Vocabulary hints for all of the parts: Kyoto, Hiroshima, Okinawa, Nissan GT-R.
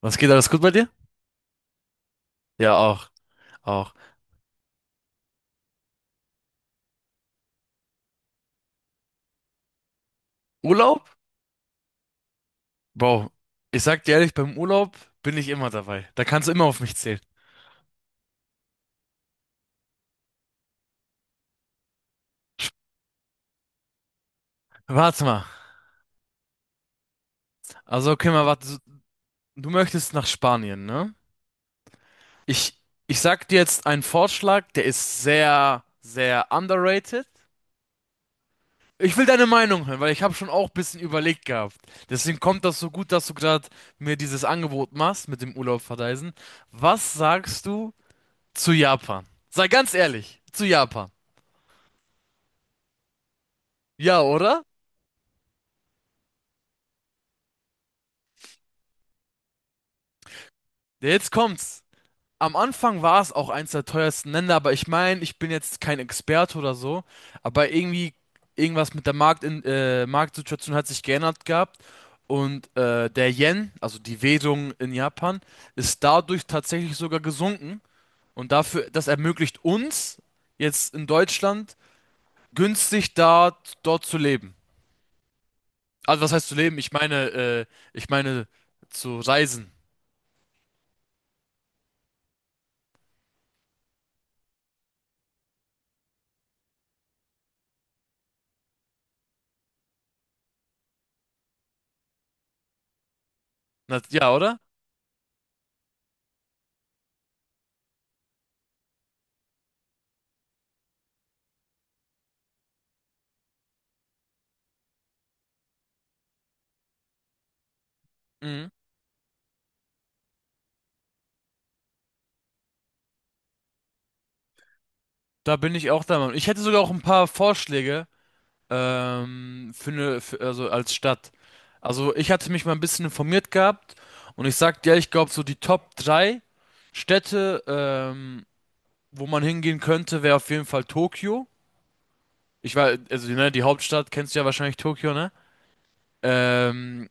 Was geht alles gut bei dir? Ja, auch, auch. Urlaub? Bro, ich sag dir ehrlich, beim Urlaub bin ich immer dabei. Da kannst du immer auf mich zählen. Warte mal. Also, okay, mal warte. So, du möchtest nach Spanien, ne? Ich, ich sag dir jetzt einen Vorschlag, der ist sehr, sehr underrated. Ich will deine Meinung hören, weil ich habe schon auch ein bisschen überlegt gehabt. Deswegen kommt das so gut, dass du gerade mir dieses Angebot machst mit dem Urlaub verreisen. Was sagst du zu Japan? Sei ganz ehrlich, zu Japan. Ja, oder? Ja, jetzt kommt's. Am Anfang war es auch eins der teuersten Länder, aber ich meine, ich bin jetzt kein Experte oder so, aber irgendwie irgendwas mit der Markt in, Marktsituation hat sich geändert gehabt und der Yen, also die Währung in Japan, ist dadurch tatsächlich sogar gesunken und dafür, das ermöglicht uns jetzt in Deutschland günstig da dort zu leben. Also was heißt zu leben? Ich meine zu reisen. Na, ja, oder? Mhm. Da bin ich auch der Meinung. Ich hätte sogar auch ein paar Vorschläge für eine, für, also als Stadt. Also ich hatte mich mal ein bisschen informiert gehabt und ich sagte, ja, ich glaube so die Top 3 Städte, wo man hingehen könnte, wäre auf jeden Fall Tokio. Ich war, also ne, die Hauptstadt kennst du ja wahrscheinlich Tokio, ne? Ähm,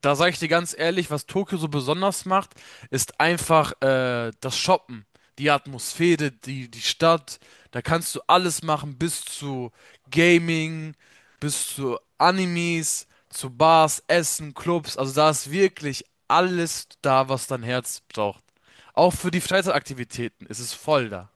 Da sage ich dir ganz ehrlich, was Tokio so besonders macht, ist einfach das Shoppen, die Atmosphäre, die Stadt. Da kannst du alles machen, bis zu Gaming, bis zu Animes, zu Bars, Essen, Clubs. Also da ist wirklich alles da, was dein Herz braucht. Auch für die Freizeitaktivitäten ist es voll da.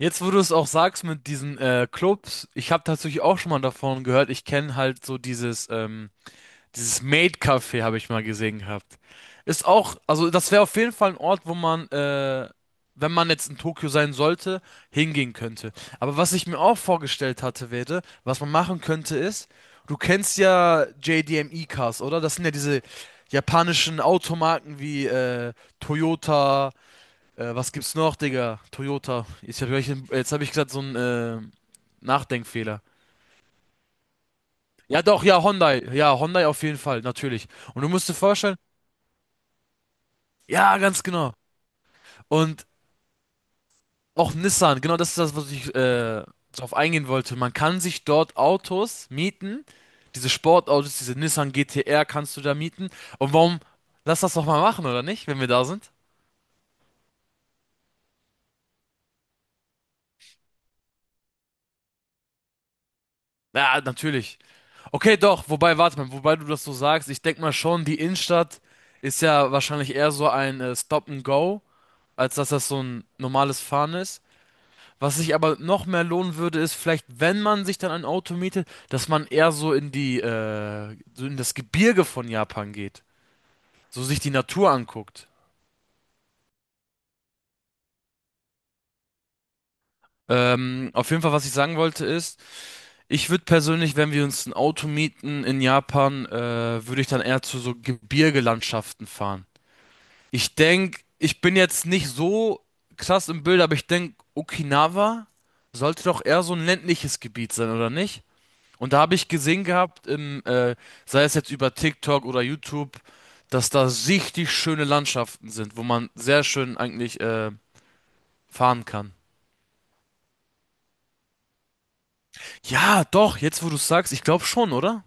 Jetzt, wo du es auch sagst mit diesen Clubs, ich habe tatsächlich auch schon mal davon gehört. Ich kenne halt so dieses Maid-Café habe ich mal gesehen gehabt. Ist auch, also das wäre auf jeden Fall ein Ort, wo man, wenn man jetzt in Tokio sein sollte, hingehen könnte. Aber was ich mir auch vorgestellt hatte, wäre, was man machen könnte, ist, du kennst ja JDM-E-Cars, oder? Das sind ja diese japanischen Automarken wie Toyota, was gibt's noch, Digga? Toyota. Jetzt habe ich, jetzt hab ich gesagt, so ein Nachdenkfehler. Ja, doch, ja, Hyundai. Ja, Hyundai auf jeden Fall, natürlich. Und du musst dir vorstellen, ja, ganz genau. Und auch Nissan, genau das ist das, was ich darauf eingehen wollte. Man kann sich dort Autos mieten, diese Sportautos, diese Nissan GT-R kannst du da mieten. Und warum, lass das doch mal machen, oder nicht, wenn wir da sind? Ja, natürlich. Okay, doch, wobei, warte mal, wobei du das so sagst, ich denke mal schon, die Innenstadt ist ja wahrscheinlich eher so ein Stop and Go, als dass das so ein normales Fahren ist. Was sich aber noch mehr lohnen würde, ist vielleicht, wenn man sich dann ein Auto mietet, dass man eher so in die, so in das Gebirge von Japan geht, so sich die Natur anguckt. Auf jeden Fall, was ich sagen wollte, ist, ich würde persönlich, wenn wir uns ein Auto mieten in Japan, würde ich dann eher zu so Gebirgelandschaften fahren. Ich denke, ich bin jetzt nicht so krass im Bild, aber ich denke, Okinawa sollte doch eher so ein ländliches Gebiet sein, oder nicht? Und da habe ich gesehen gehabt, im, sei es jetzt über TikTok oder YouTube, dass da richtig schöne Landschaften sind, wo man sehr schön eigentlich fahren kann. Ja, doch, jetzt wo du es sagst, ich glaube schon, oder?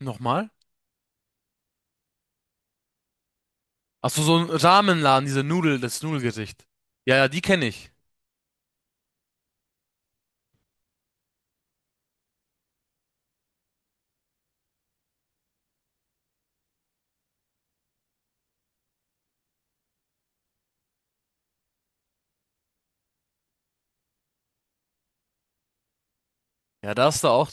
Nochmal? Achso, so ein Ramenladen, diese Nudel, das Nudelgericht. Ja, ja, die kenne ich. Ja, da ist da auch.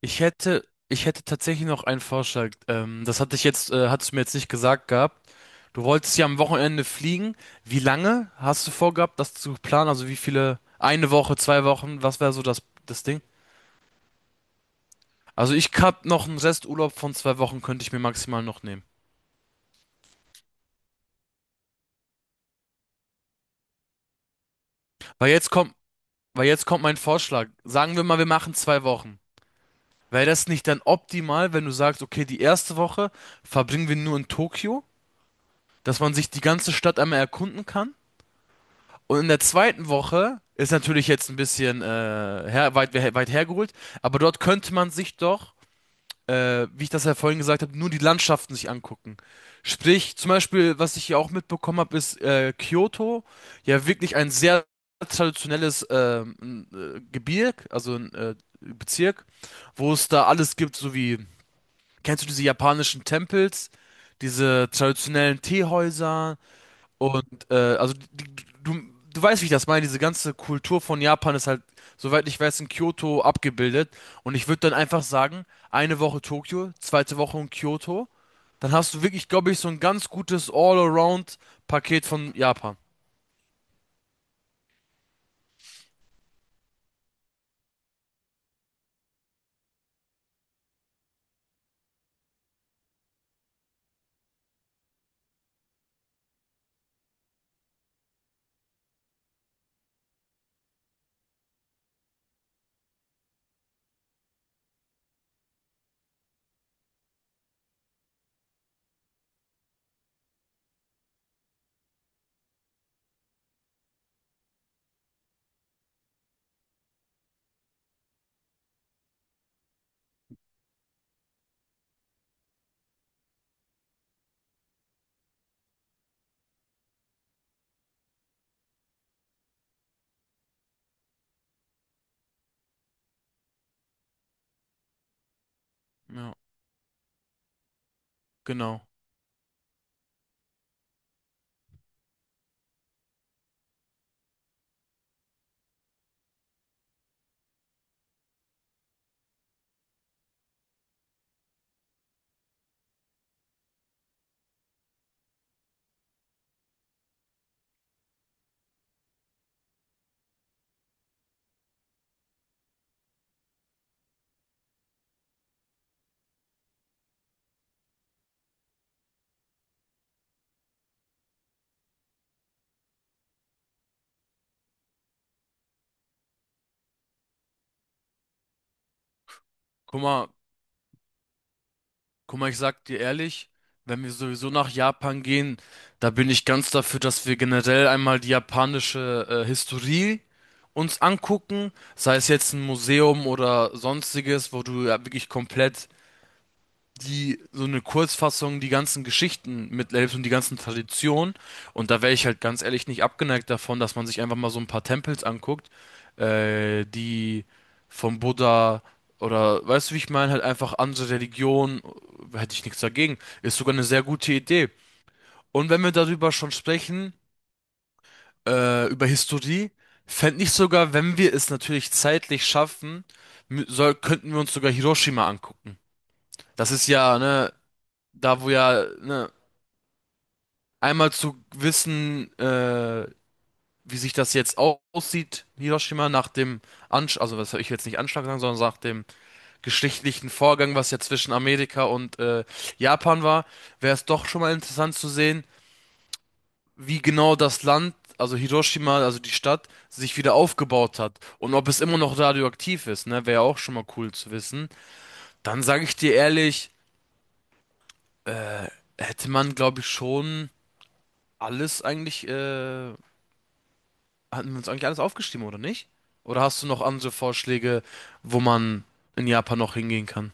Ich hätte tatsächlich noch einen Vorschlag. Das hatte ich jetzt, hattest du mir jetzt nicht gesagt gehabt. Du wolltest ja am Wochenende fliegen. Wie lange hast du vorgehabt, das zu planen? Also wie viele? Eine Woche, zwei Wochen? Was wäre so das Ding? Also ich hab noch einen Resturlaub von zwei Wochen, könnte ich mir maximal noch nehmen. Weil jetzt kommt, weil jetzt kommt mein Vorschlag. Sagen wir mal, wir machen zwei Wochen. Wäre das nicht dann optimal, wenn du sagst, okay, die erste Woche verbringen wir nur in Tokio, dass man sich die ganze Stadt einmal erkunden kann? Und in der zweiten Woche ist natürlich jetzt ein bisschen weit, weit hergeholt, aber dort könnte man sich doch, wie ich das ja vorhin gesagt habe, nur die Landschaften sich angucken. Sprich, zum Beispiel, was ich hier auch mitbekommen habe, ist Kyoto ja wirklich ein sehr traditionelles Gebirg, also ein Bezirk, wo es da alles gibt, so wie, kennst du diese japanischen Tempels, diese traditionellen Teehäuser, und du, du weißt, wie ich das meine. Diese ganze Kultur von Japan ist halt, soweit ich weiß, in Kyoto abgebildet. Und ich würde dann einfach sagen, eine Woche Tokio, zweite Woche in Kyoto. Dann hast du wirklich, glaube ich, so ein ganz gutes All-Around-Paket von Japan. Ja, genau. Guck mal, Guck mal, ich sag dir ehrlich, wenn wir sowieso nach Japan gehen, da bin ich ganz dafür, dass wir generell einmal die japanische Historie uns angucken, sei es jetzt ein Museum oder sonstiges, wo du ja wirklich komplett die so eine Kurzfassung, die ganzen Geschichten mithilft und die ganzen Traditionen. Und da wäre ich halt ganz ehrlich nicht abgeneigt davon, dass man sich einfach mal so ein paar Tempels anguckt, die vom Buddha oder weißt du, wie ich meine, halt einfach andere Religionen, hätte ich nichts dagegen. Ist sogar eine sehr gute Idee. Und wenn wir darüber schon sprechen, über Historie, fände ich sogar, wenn wir es natürlich zeitlich schaffen, könnten wir uns sogar Hiroshima angucken. Das ist ja, ne, da wo ja, ne, einmal zu wissen, wie sich das jetzt aussieht, Hiroshima, nach dem Anschlag, also was soll ich will jetzt nicht Anschlag sagen, sondern nach dem geschichtlichen Vorgang, was ja zwischen Amerika und Japan war, wäre es doch schon mal interessant zu sehen, wie genau das Land, also Hiroshima, also die Stadt, sich wieder aufgebaut hat und ob es immer noch radioaktiv ist, ne, wäre ja auch schon mal cool zu wissen. Dann sage ich dir ehrlich, äh, hätte man, glaube ich, schon alles eigentlich. Hatten wir uns eigentlich alles aufgeschrieben, oder nicht? Oder hast du noch andere Vorschläge, wo man in Japan noch hingehen kann?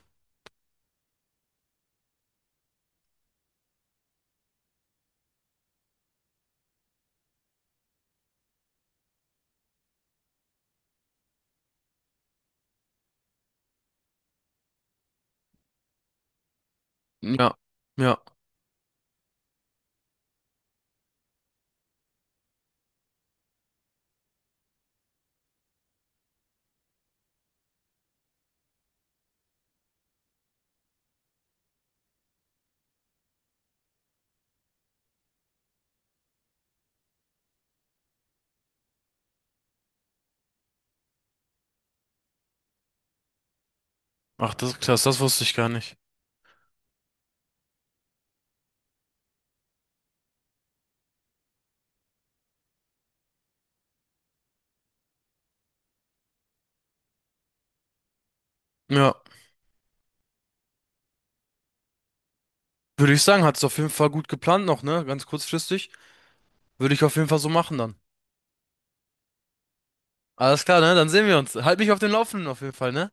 Ja, ja. Ach, das ist krass, das wusste ich gar nicht. Ja, würde ich sagen, hat es auf jeden Fall gut geplant noch, ne? Ganz kurzfristig. Würde ich auf jeden Fall so machen dann. Alles klar, ne? Dann sehen wir uns. Halt mich auf dem Laufenden auf jeden Fall, ne?